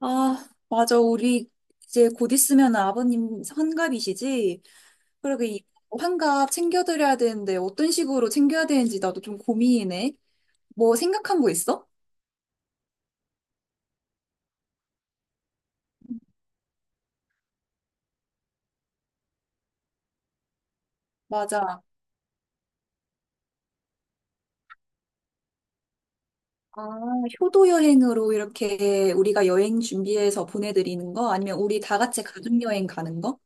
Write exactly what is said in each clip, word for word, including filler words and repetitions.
아, 맞아. 우리 이제 곧 있으면 아버님 환갑이시지? 그리고 이 환갑 챙겨드려야 되는데 어떤 식으로 챙겨야 되는지 나도 좀 고민이네. 뭐 생각한 거 있어? 맞아. 아, 효도 여행으로 이렇게 우리가 여행 준비해서 보내드리는 거? 아니면 우리 다 같이 가족 여행 가는 거?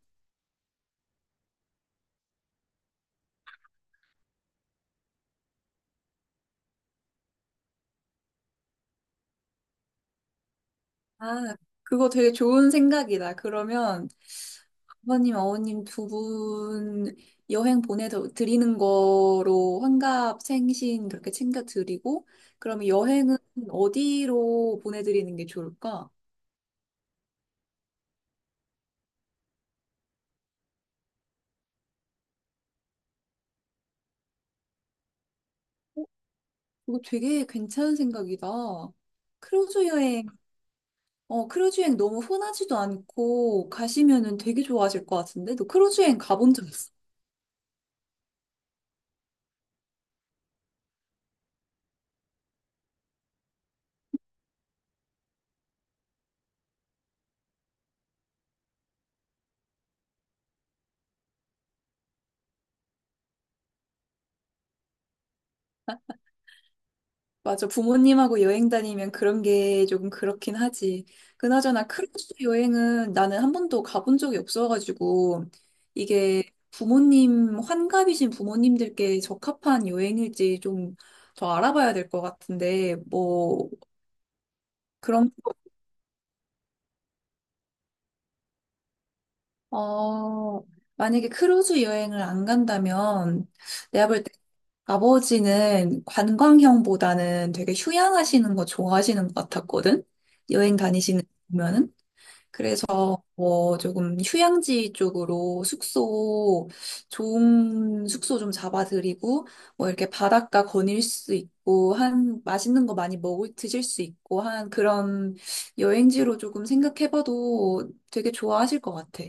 아, 그거 되게 좋은 생각이다. 그러면 아버님, 어머님 두 분 여행 보내드리는 거로 환갑 생신 그렇게 챙겨드리고, 그러면 여행은 어디로 보내드리는 게 좋을까? 어, 이거 되게 괜찮은 생각이다. 크루즈 여행, 어, 크루즈 여행 너무 흔하지도 않고 가시면은 되게 좋아하실 것 같은데? 너 크루즈 여행 가본 적 있어? 맞아. 부모님하고 여행 다니면 그런 게 조금 그렇긴 하지. 그나저나 크루즈 여행은 나는 한 번도 가본 적이 없어가지고 이게 부모님, 환갑이신 부모님들께 적합한 여행일지 좀 더 알아봐야 될 것 같은데, 뭐, 그런, 어, 만약에 크루즈 여행을 안 간다면 내가 볼 때 아버지는 관광형보다는 되게 휴양하시는 거 좋아하시는 것 같았거든? 여행 다니시는 거 보면은. 뭐 조금 휴양지 쪽으로 숙소 좋은 숙소 좀 잡아드리고 뭐 이렇게 바닷가 거닐 수 있고 한 맛있는 거 많이 먹을 드실 수 있고 한 그런 여행지로 조금 생각해봐도 되게 좋아하실 것 같아.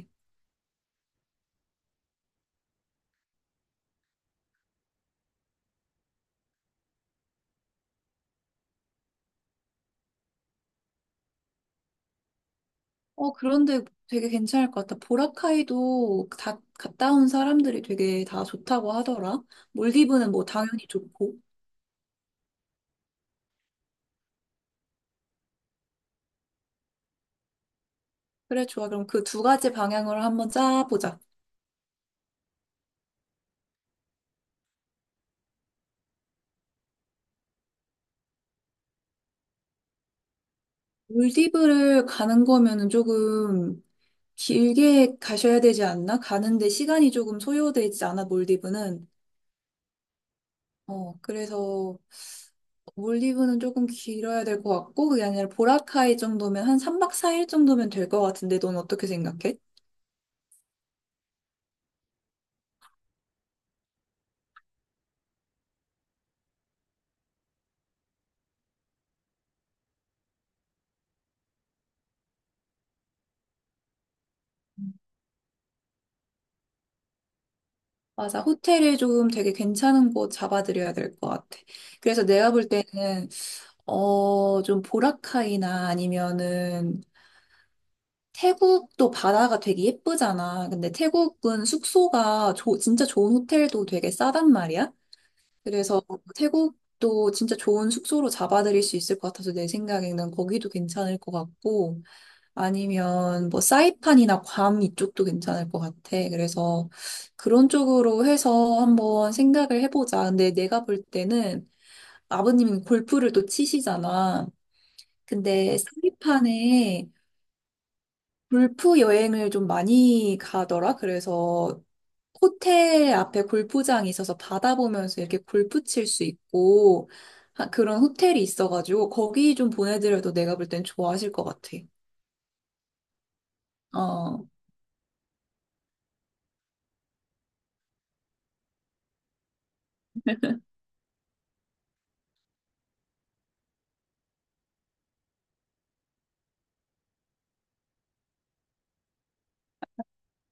어 그런데 되게 괜찮을 것 같아. 보라카이도 다 갔다 온 사람들이 되게 다 좋다고 하더라. 몰디브는 뭐 당연히 좋고. 그래 좋아. 그럼 그 두 가지 방향으로 한번 짜보자. 몰디브를 가는 거면은 조금 길게 가셔야 되지 않나? 가는데 시간이 조금 소요되지 않아, 몰디브는. 어, 그래서 몰디브는 조금 길어야 될 것 같고, 그게 아니라 보라카이 정도면 한 삼 박 사 일 정도면 될 것 같은데, 넌 어떻게 생각해? 맞아, 호텔을 조금 되게 괜찮은 곳 잡아드려야 될 것 같아. 그래서 내가 볼 때는, 어, 좀 보라카이나 아니면은 태국도 바다가 되게 예쁘잖아. 근데 태국은 숙소가 조- 진짜 좋은 호텔도 되게 싸단 말이야. 그래서 태국도 진짜 좋은 숙소로 잡아들일 수 있을 것 같아서 내 생각에는 거기도 괜찮을 것 같고 아니면 뭐 사이판이나 괌 이쪽도 괜찮을 것 같아. 그래서 그런 쪽으로 해서 한번 생각을 해보자. 근데 내가 볼 때는 아버님이 골프를 또 치시잖아. 근데 사이판에 골프 여행을 좀 많이 가더라. 그래서 호텔 앞에 골프장이 있어서 바다 보면서 이렇게 골프 칠 수 있고 하- 그런 호텔이 있어가지고 거기 좀 보내드려도 내가 볼 땐 좋아하실 것 같아. 어,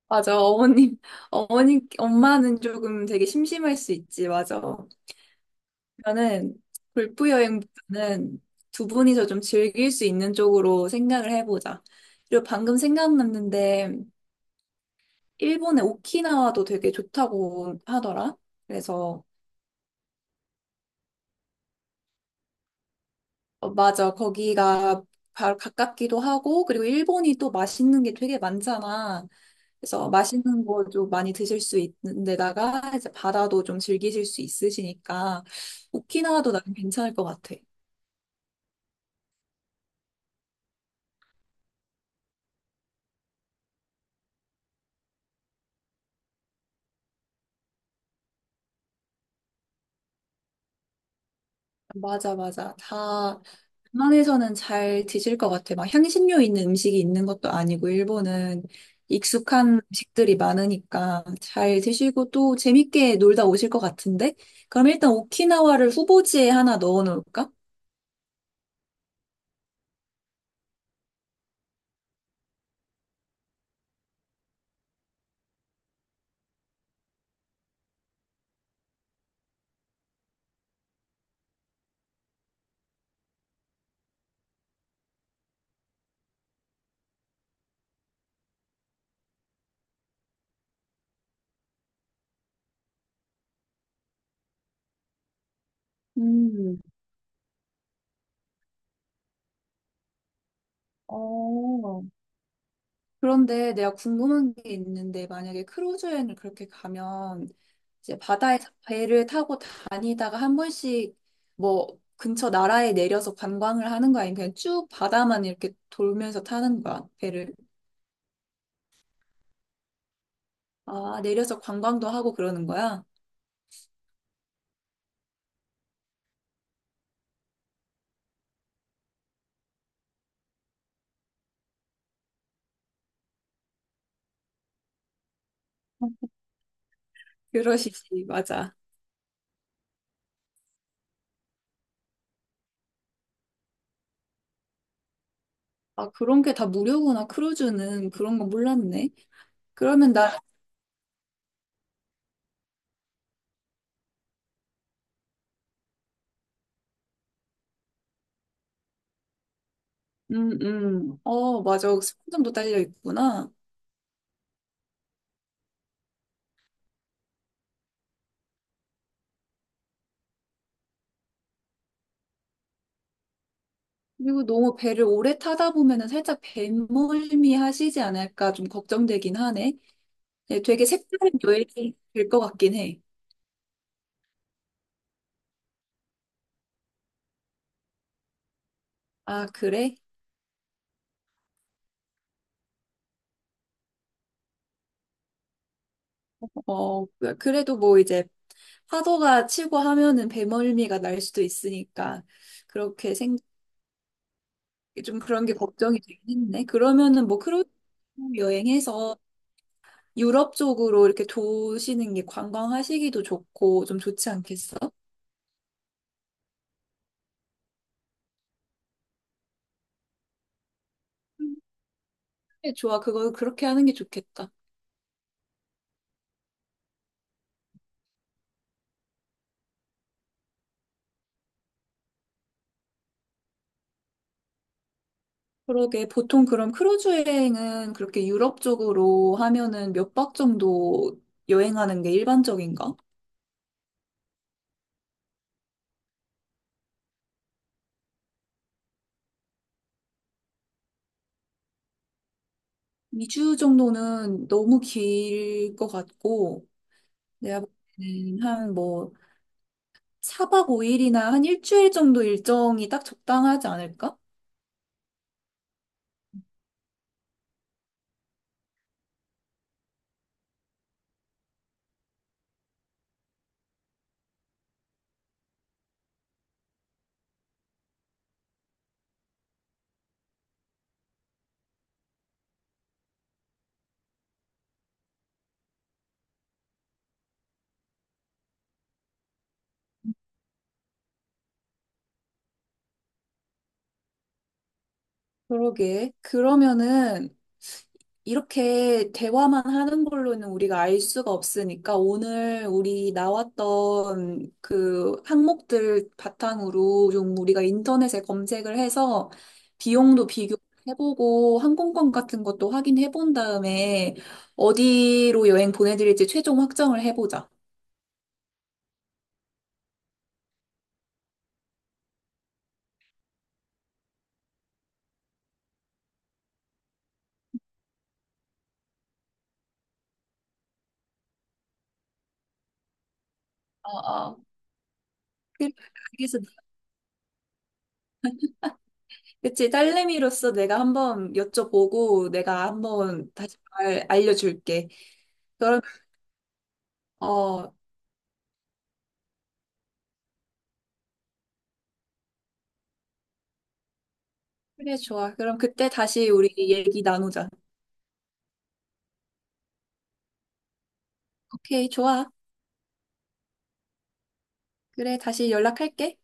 맞아. 어머님, 어머니, 엄마는 조금 되게 심심할 수 있지. 맞아. 그러면은 골프 여행보다는 두 분이서 좀 즐길 수 있는 쪽으로 생각을 해보자. 그리고 방금 생각났는데 일본의 오키나와도 되게 좋다고 하더라. 그래서 어, 맞아. 거기가 바로 가깝기도 하고 그리고 일본이 또 맛있는 게 되게 많잖아. 그래서 맛있는 거 좀 많이 드실 수 있는 데다가 이제 바다도 좀 즐기실 수 있으시니까 오키나와도 나는 괜찮을 것 같아. 맞아, 맞아. 다, 웬만해서는 잘 드실 것 같아. 막 향신료 있는 음식이 있는 것도 아니고, 일본은 익숙한 음식들이 많으니까 잘 드시고 또 재밌게 놀다 오실 것 같은데? 그럼 일단 오키나와를 후보지에 하나 넣어 놓을까? 음, 어. 그런데 내가 궁금한 게 있는데, 만약에 크루즈 여행을 그렇게 가면 이제 바다에 서 배를 타고 다니다가 한 번씩 뭐 근처 나라에 내려서 관광을 하는 거야? 아니면 그냥 쭉 바다만 이렇게 돌면서 타는 거야, 배를? 아, 내려서 관광도 하고 그러는 거야? 어, 그러시지, 맞아. 아, 그런 게 다 무료구나, 크루즈는. 그런 거 몰랐네. 그러면 나, 음, 음, 어, 맞아. 숙박권도 딸려 있구나. 그리고 너무 배를 오래 타다 보면은 살짝 배멀미 하시지 않을까 좀 걱정되긴 하네. 네, 되게 색다른 여행이 될 것 같긴 해. 아, 그래? 어, 그래도 뭐 이제 파도가 치고 하면은 배멀미가 날 수도 있으니까 그렇게 생, 좀 그런 게 걱정이 되긴 했네. 그러면은 뭐 크루즈 여행해서 유럽 쪽으로 이렇게 도시는 게 관광하시기도 좋고 좀 좋지 않겠어? 음, 그래, 좋아. 그거 그렇게 하는 게 좋겠다. 그러게 보통 그럼 크루즈 여행은 그렇게 유럽 쪽으로 하면은 몇 박 정도 여행하는 게 일반적인가? 이 주 정도는 너무 길 것 같고, 내가 볼 때는 한 뭐, 사 박 오 일이나 한 일주일 정도 일정이 딱 적당하지 않을까? 그러게. 그러면은, 이렇게 대화만 하는 걸로는 우리가 알 수가 없으니까 오늘 우리 나왔던 그 항목들 바탕으로 좀 우리가 인터넷에 검색을 해서 비용도 비교해보고 항공권 같은 것도 확인해 본 다음에 어디로 여행 보내드릴지 최종 확정을 해보자. 어, 어. 그- 그래서 그치 딸내미로서 내가 한번 여쭤보고 내가 한번 다시 말 알려줄게. 그럼 어 그래, 좋아. 그럼 그때 다시 우리 얘기 나누자. 오케이, 좋아. 그래, 다시 연락할게.